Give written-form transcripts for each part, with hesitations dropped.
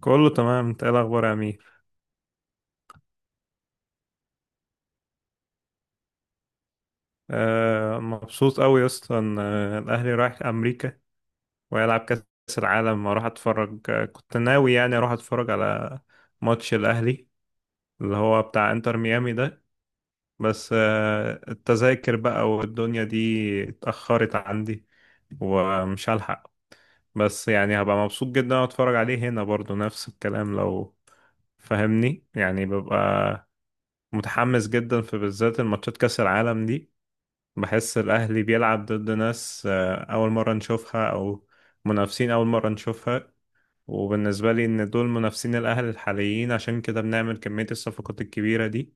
كله تمام، انت ايه الاخبار يا امير؟ آه، مبسوط قوي يا اسطى ان الاهلي رايح امريكا ويلعب كاس العالم. اروح اتفرج. كنت ناوي يعني اروح اتفرج على ماتش الاهلي اللي هو بتاع انتر ميامي ده. بس التذاكر بقى والدنيا دي اتاخرت عندي ومش هلحق. بس يعني هبقى مبسوط جدا وانا اتفرج عليه هنا برضو، نفس الكلام لو فاهمني. يعني ببقى متحمس جدا في بالذات الماتشات كأس العالم دي. بحس الأهلي بيلعب ضد ناس أول مرة نشوفها، أو منافسين أول مرة نشوفها. وبالنسبة لي إن دول منافسين الأهلي الحاليين، عشان كده بنعمل كمية الصفقات الكبيرة دي.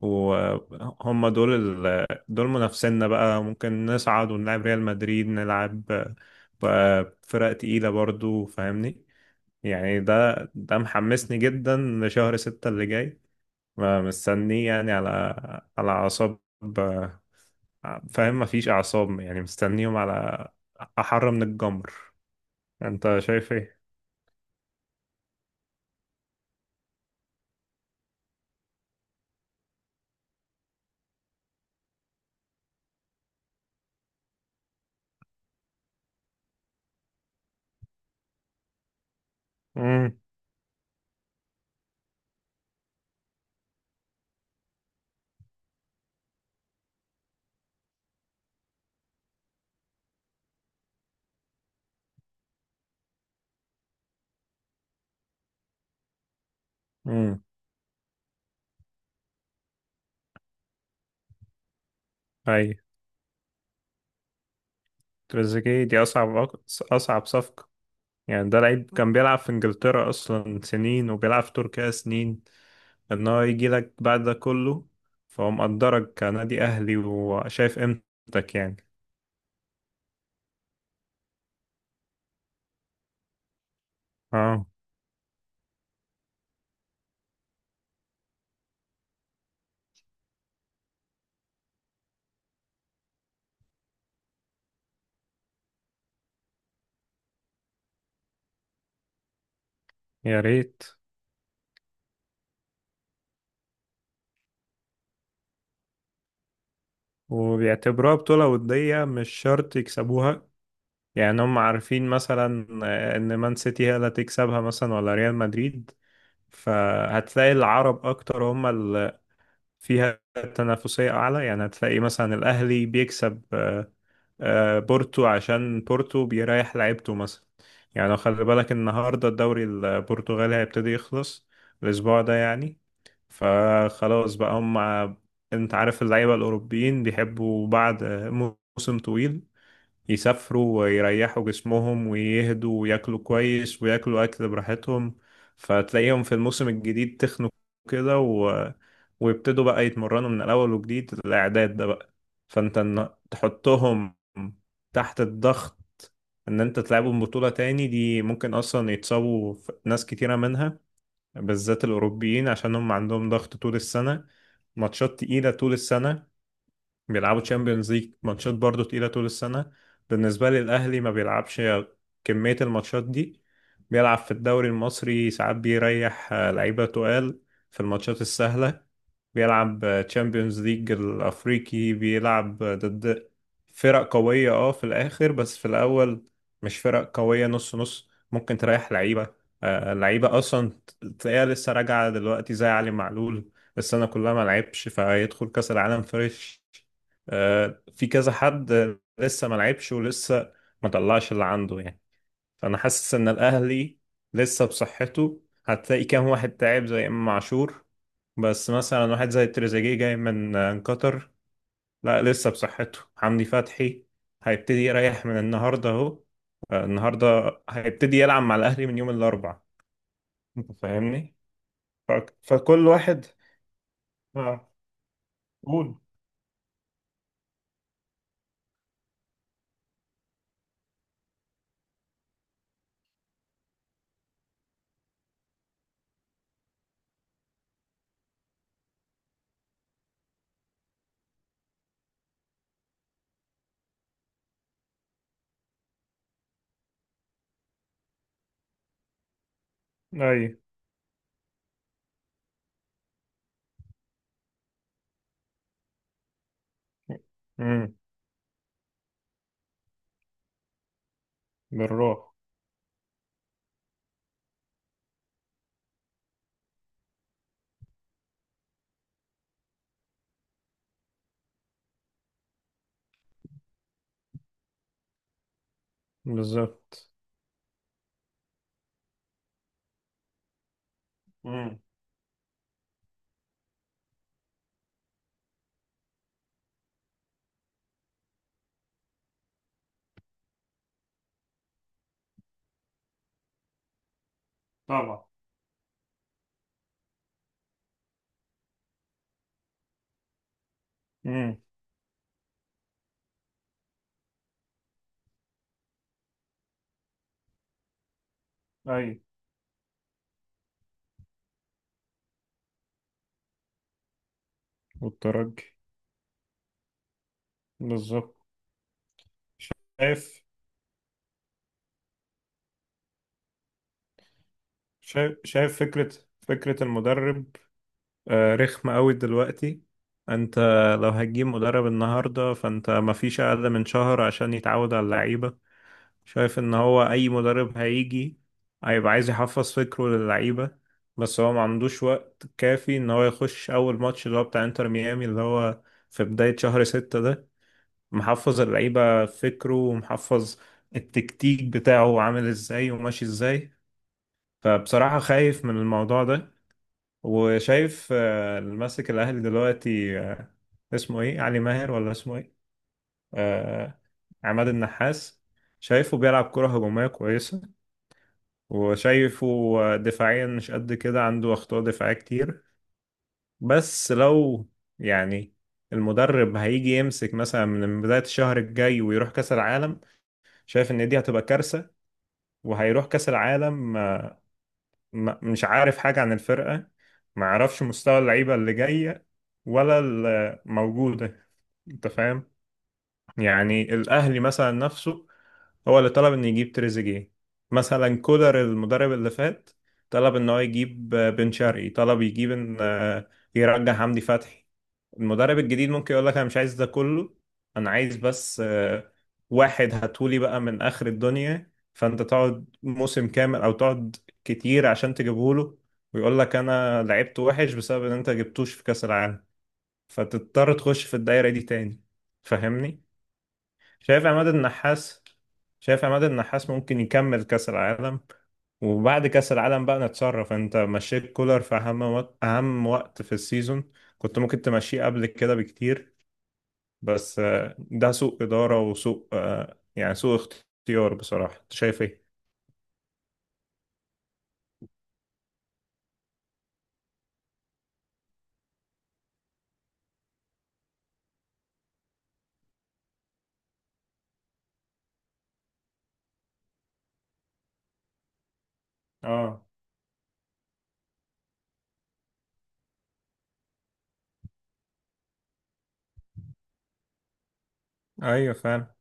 وهم دول دول منافسينا بقى. ممكن نصعد ونلعب ريال مدريد، نلعب بقى فرق تقيلة برضو فاهمني. يعني ده محمسني جدا لشهر ستة اللي جاي. مستنيه يعني على أعصاب. آه، فاهم مفيش اعصاب. يعني مستنيهم على احر من الجمر. انت شايف ايه؟ امم. امم. اي. تريزيجيه دي اصعب اصعب صفقه. يعني ده لعيب كان بيلعب في انجلترا اصلا سنين، وبيلعب في تركيا سنين. ان هو يجي لك بعد ده كله، فهو مقدرك كنادي اهلي وشايف قيمتك يعني. اه، يا ريت. وبيعتبروها بطولة ودية مش شرط يكسبوها. يعني هم عارفين مثلا ان مان سيتي هي اللي هتكسبها مثلا، ولا ريال مدريد. فهتلاقي العرب اكتر هم اللي فيها تنافسية اعلى. يعني هتلاقي مثلا الاهلي بيكسب بورتو عشان بورتو بيريح لعيبته مثلا. يعني لو خلي بالك النهارده الدوري البرتغالي هيبتدي يخلص الاسبوع ده يعني. فخلاص بقى هم. انت عارف اللعيبة الاوروبيين بيحبوا بعد موسم طويل يسافروا ويريحوا جسمهم ويهدوا وياكلوا كويس وياكلوا أكل براحتهم. فتلاقيهم في الموسم الجديد تخنوا كده ويبتدوا بقى يتمرنوا من الأول، وجديد الإعداد ده بقى. فأنت إن تحطهم تحت الضغط، إن أنت تلعبهم بطولة تاني دي، ممكن أصلا يتصابوا ناس كتيرة منها، بالذات الأوروبيين عشان هم عندهم ضغط طول السنة. ماتشات تقيلة طول السنة. بيلعبوا تشامبيونز ليج ماتشات برضه تقيلة طول السنة. بالنسبة لي الأهلي ما بيلعبش كمية الماتشات دي. بيلعب في الدوري المصري ساعات بيريح لعيبة تقال في الماتشات السهلة. بيلعب تشامبيونز ليج الأفريقي، بيلعب ضد فرق قوية، اه، في الآخر، بس في الأول مش فرق قوية، نص نص، ممكن تريح لعيبة. لعيبة أصلا تلاقيها لسه راجعة دلوقتي زي علي معلول، السنة كلها ما لعبش، فيدخل كأس العالم فريش. في كذا حد لسه ما لعبش ولسه ما طلعش اللي عنده يعني. فانا حاسس ان الاهلي لسه بصحته. هتلاقي كام واحد تعب زي امام عاشور، بس مثلا واحد زي تريزيجيه جاي من قطر. لا، لسه بصحته حمدي فتحي، هيبتدي يريح من النهارده اهو. النهارده هيبتدي يلعب مع الاهلي من يوم الاربعاء. انت فاهمني؟ ف... فكل واحد. اه. قول. اي. امم. بالروح. بالظبط. طبعا. امم. ايوه. والترجي. بالظبط. شايف شايف فكرة المدرب رخمة قوي دلوقتي. انت لو هتجيب مدرب النهاردة فانت مفيش اقل من شهر عشان يتعود على اللعيبة. شايف ان هو اي مدرب هيجي هيبقى عايز يحفظ فكره للعيبة، بس هو ما عندوش وقت كافي ان هو يخش اول ماتش اللي هو بتاع انتر ميامي، اللي هو في بداية شهر 6 ده، محفظ اللعيبة فكره ومحفظ التكتيك بتاعه عامل ازاي وماشي ازاي. فبصراحة خايف من الموضوع ده. وشايف اللي ماسك الأهلي دلوقتي اسمه ايه، علي ماهر ولا اسمه ايه؟ آه، عماد النحاس. شايفه بيلعب كرة هجومية كويسة، وشايفه دفاعيا مش قد كده، عنده أخطاء دفاعية كتير. بس لو يعني المدرب هيجي يمسك مثلا من بداية الشهر الجاي ويروح كأس العالم، شايف ان دي هتبقى كارثة. وهيروح كأس العالم مش عارف حاجة عن الفرقة، ما عرفش مستوى اللعيبة اللي جاية ولا الموجودة. انت فاهم؟ يعني الاهلي مثلا نفسه هو اللي طلب انه يجيب تريزيجيه. مثلا كولر المدرب اللي فات طلب ان هو يجيب بن شرقي. طلب يجيب ان يرجع حمدي فتحي. المدرب الجديد ممكن يقول لك انا مش عايز ده كله، انا عايز بس واحد هاتولي بقى من اخر الدنيا. فانت تقعد موسم كامل او تقعد كتير عشان تجيبهوله، ويقول لك انا لعبت وحش بسبب ان انت جبتوش في كاس العالم. فتضطر تخش في الدايرة دي تاني. فاهمني؟ شايف عماد النحاس شايف عماد النحاس ممكن يكمل كأس العالم. وبعد كأس العالم بقى نتصرف. انت مشيت كولر في اهم وقت، اهم وقت في السيزون. كنت ممكن تمشيه قبل كده بكتير. بس ده سوء إدارة وسوء يعني سوء اختيار بصراحة. انت شايف ايه؟ اه. ايوه فعلا.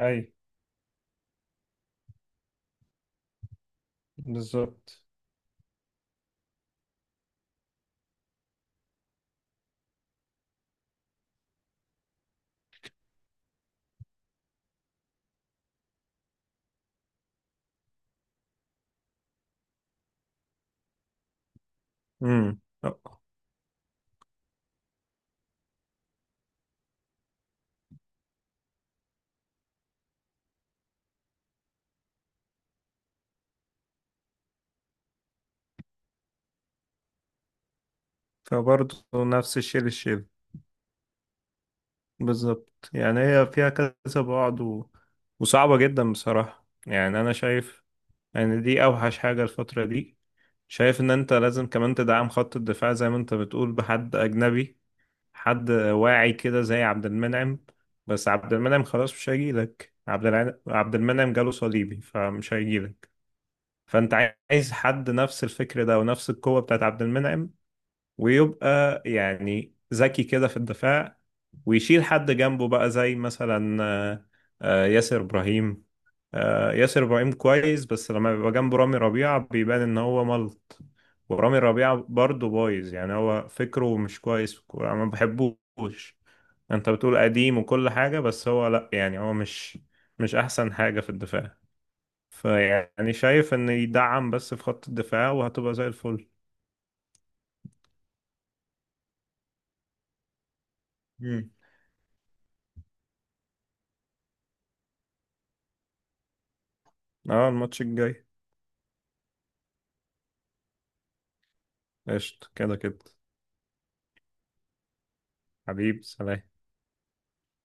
ايوه بالظبط. امم. فبرضه نفس الشيء للشيء. بالظبط. يعني هي فيها كذا بعد وصعبة جدا بصراحة. يعني أنا شايف، يعني دي اوحش حاجة الفترة دي. شايف ان انت لازم كمان تدعم خط الدفاع زي ما انت بتقول بحد اجنبي. حد واعي كده زي عبد المنعم. بس عبد المنعم خلاص مش هيجيلك. عبد المنعم جاله صليبي فمش هيجيلك. فانت عايز حد نفس الفكر ده ونفس القوة بتاعت عبد المنعم، ويبقى يعني ذكي كده في الدفاع. ويشيل حد جنبه بقى زي مثلا ياسر إبراهيم. ياسر إبراهيم كويس، بس لما بيبقى جنبه رامي ربيعة بيبان إن هو ملط. ورامي ربيعة برضه بايظ. يعني هو فكره مش كويس في الكورة، أنا ما بحبوش. أنت بتقول قديم وكل حاجة، بس هو لأ. يعني هو مش أحسن حاجة في الدفاع. فيعني شايف إن يدعم بس في خط الدفاع وهتبقى زي الفل. مم. اه، الماتش الجاي. قشطة، كده كده. حبيب سلام.